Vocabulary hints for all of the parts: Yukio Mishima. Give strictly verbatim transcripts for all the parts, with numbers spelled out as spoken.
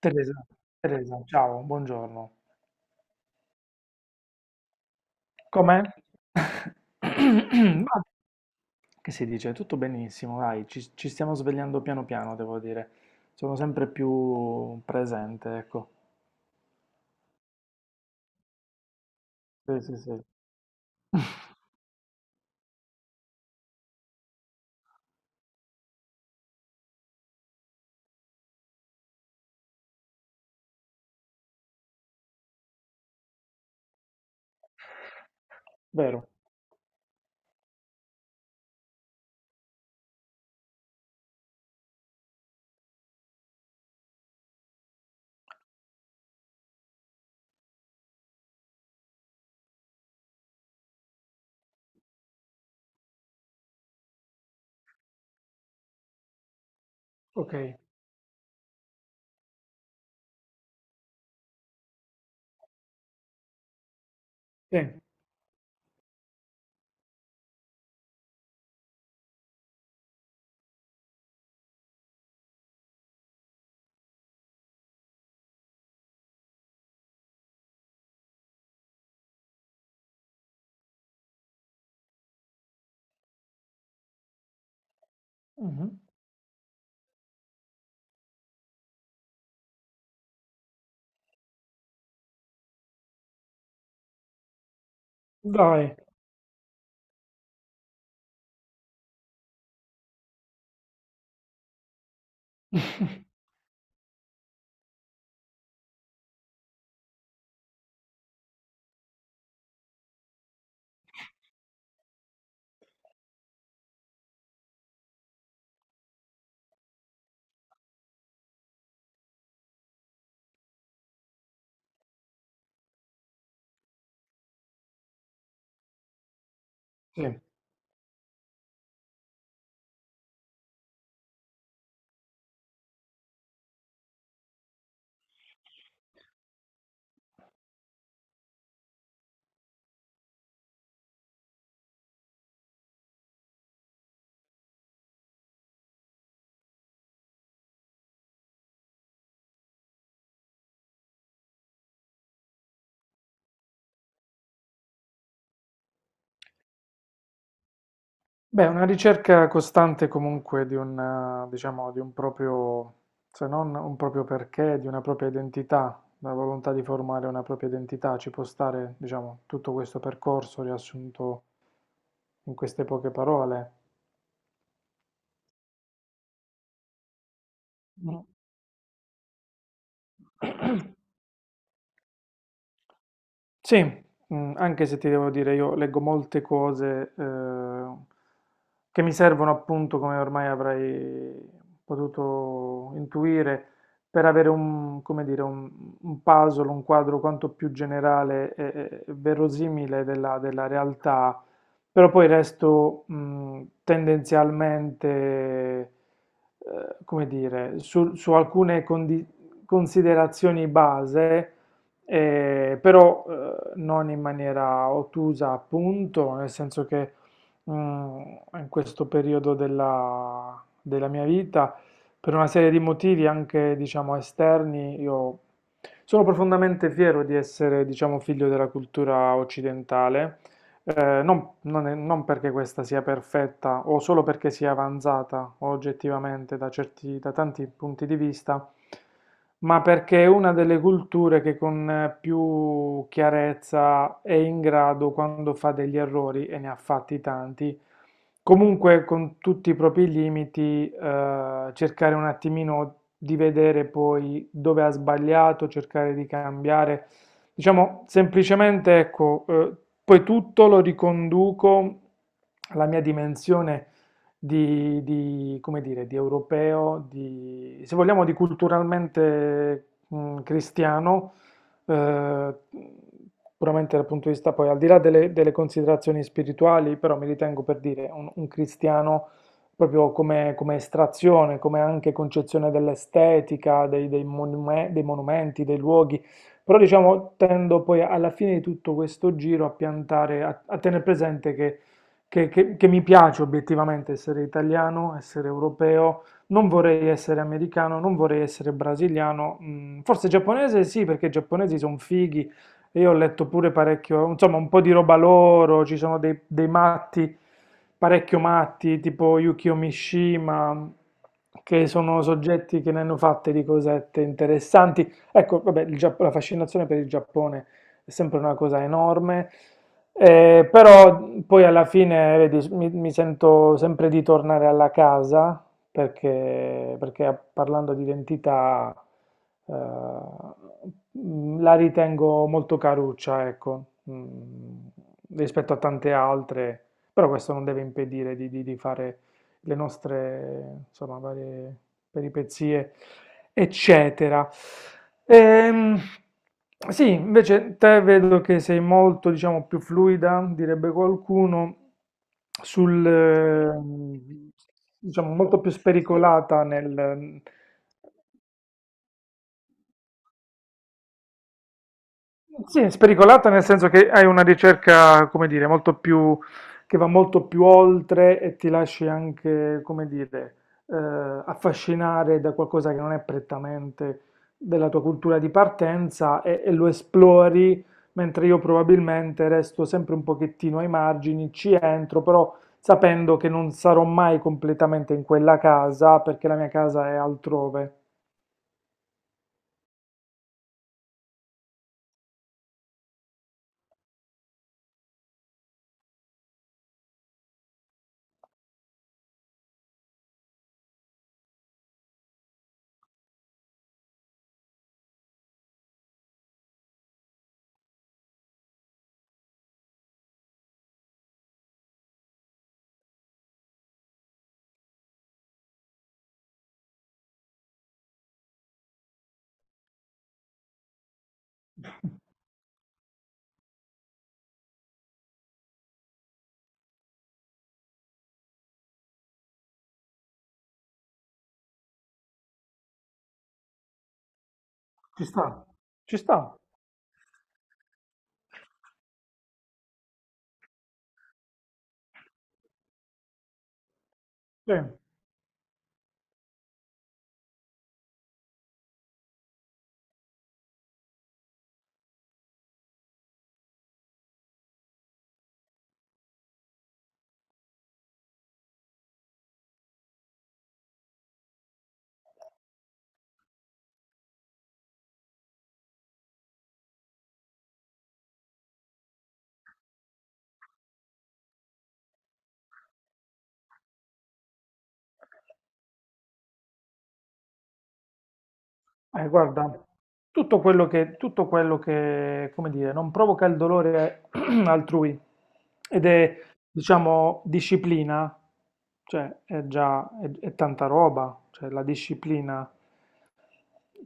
Teresa, Teresa, ciao, buongiorno. Com'è? Ma che si dice? Tutto benissimo, dai, ci, ci stiamo svegliando piano piano, devo dire. Sono sempre più presente, ecco. Sì, sì, sì. Vero. Ok. Sì. Mhm. Dai. Sì. Beh, una ricerca costante comunque di un, eh, diciamo, di un proprio, se non un proprio perché, di una propria identità, la volontà di formare una propria identità, ci può stare, diciamo, tutto questo percorso riassunto in queste poche parole. Mm. Sì, mh, anche se ti devo dire, io leggo molte cose eh, che mi servono appunto, come ormai avrai potuto intuire, per avere un, come dire, un, un puzzle, un quadro quanto più generale e, e- e verosimile della, della realtà, però poi resto mh, tendenzialmente, eh, come dire, su, su alcune condi- considerazioni base eh, però eh, non in maniera ottusa, appunto, nel senso che mm, in questo periodo della, della mia vita, per una serie di motivi anche, diciamo, esterni, io sono profondamente fiero di essere, diciamo, figlio della cultura occidentale. Eh, non, non è- non perché questa sia perfetta o solo perché sia avanzata oggettivamente da certi- da tanti punti di vista, ma perché è una delle culture che con eh, più chiarezza è in grado, quando fa degli errori, e ne ha fatti tanti, comunque con tutti i propri limiti, eh, cercare un attimino di vedere poi dove ha sbagliato, cercare di cambiare. Diciamo, semplicemente, ecco, eh, poi tutto lo riconduco alla mia dimensione di, di, come dire, di europeo, di, se vogliamo, di culturalmente mh, cristiano, eh, puramente dal punto di vista, poi al di là delle, delle considerazioni spirituali, però mi ritengo per dire un, un cristiano proprio come, come estrazione, come anche concezione dell'estetica, dei, dei monume- dei monumenti, dei luoghi, però diciamo tendo poi alla fine di tutto questo giro a piantare, a, a tenere presente che, che- che- che mi piace obiettivamente essere italiano, essere europeo, non vorrei essere americano, non vorrei essere brasiliano, mm, forse giapponese sì, perché i giapponesi sono fighi, e io ho letto pure parecchio, insomma un po' di roba loro, ci sono dei, dei matti, parecchio matti, tipo Yukio Mishima, che sono soggetti che ne hanno fatte di cosette interessanti. Ecco, vabbè, il Gia- la fascinazione per il Giappone è sempre una cosa enorme, eh, però poi alla fine, vedi, mi, mi sento sempre di tornare alla casa perché, perché parlando di identità, eh, mh, la ritengo molto caruccia, ecco, mh, rispetto a tante altre, però questo non deve impedire di, di- di fare le nostre, insomma, varie peripezie, eccetera. Ehm, sì, invece te vedo che sei molto, diciamo, più fluida, direbbe qualcuno, sul, ehm, diciamo, molto più spericolata nel, sì, è spericolata nel senso che hai una ricerca, come dire, molto più, che va molto più oltre e ti lasci anche, come dire, eh, affascinare da qualcosa che non è prettamente della tua cultura di partenza e, e lo esplori, mentre io probabilmente resto sempre un pochettino ai margini, ci entro, però sapendo che non sarò mai completamente in quella casa perché la mia casa è altrove. Ci sta, ci sta, sì. Eh, guarda, tutto quello che, tutto quello che, come dire, non provoca il dolore altrui ed è, diciamo, disciplina, cioè è già è, è tanta roba, cioè la disciplina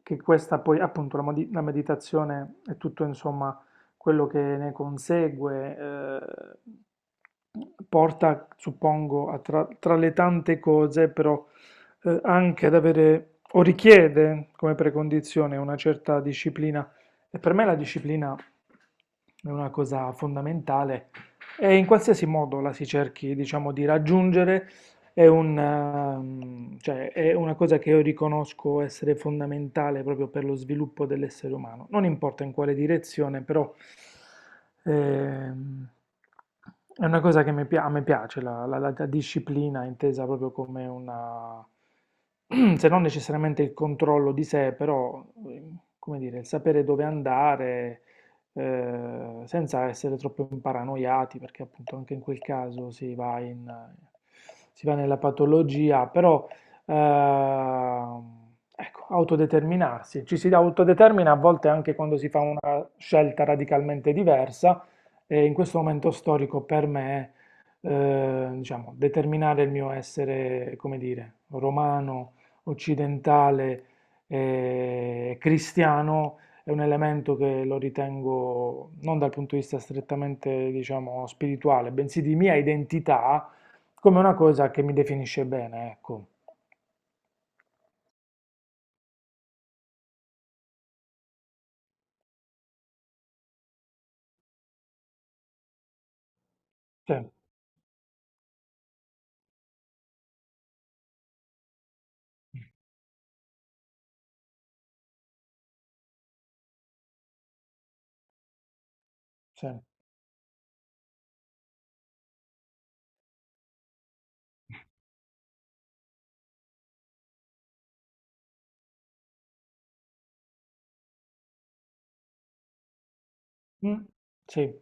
che questa poi, appunto, la, modi- la meditazione è tutto, insomma, quello che ne consegue, eh, porta, suppongo, a tra, tra le tante cose, però, eh, anche ad avere, o richiede come precondizione una certa disciplina. E per me la disciplina è una cosa fondamentale e in qualsiasi modo la si cerchi, diciamo, di raggiungere è una, mm, cioè, è una cosa che io riconosco essere fondamentale proprio per lo sviluppo dell'essere umano. Non importa in quale direzione, però ehm, è una cosa che mi pia- a me piace, la, la- la- la disciplina intesa proprio come una, se non necessariamente il controllo di sé, però, ehm, come dire, il sapere dove andare eh, senza essere troppo paranoiati, perché appunto anche in quel caso si va in, si va nella patologia, però ehm, ecco, autodeterminarsi, ci si autodetermina a volte anche quando si fa una scelta radicalmente diversa e in questo momento storico per me, eh, diciamo, determinare il mio essere, come dire, romano, occidentale, eh, cristiano è un elemento che lo ritengo non dal punto di vista strettamente, diciamo, spirituale, bensì di mia identità, come una cosa che mi definisce bene, ecco. Sì, sì. Mm, sì.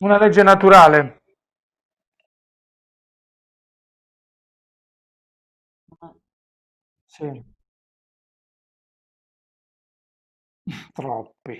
Una legge naturale. Sì, troppi.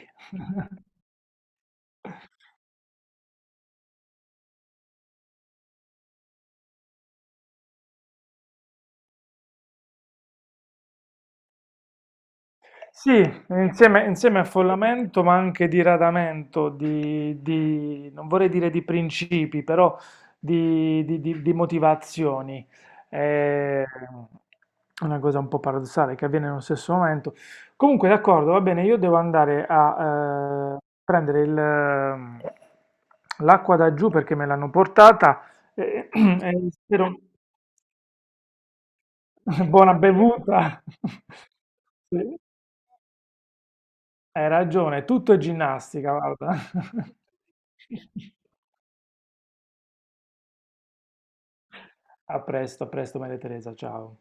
Sì, insieme, insieme a follamento, ma anche di radamento, di, di- non vorrei dire di principi, però di, di- di- di motivazioni. È una cosa un po' paradossale che avviene nello stesso momento. Comunque, d'accordo, va bene, io devo andare a eh, prendere il, ehm, l'acqua da giù perché me l'hanno portata e, e spero buona bevuta. Sì. Hai ragione, tutto è ginnastica, guarda. A presto, a presto Maria Teresa, ciao.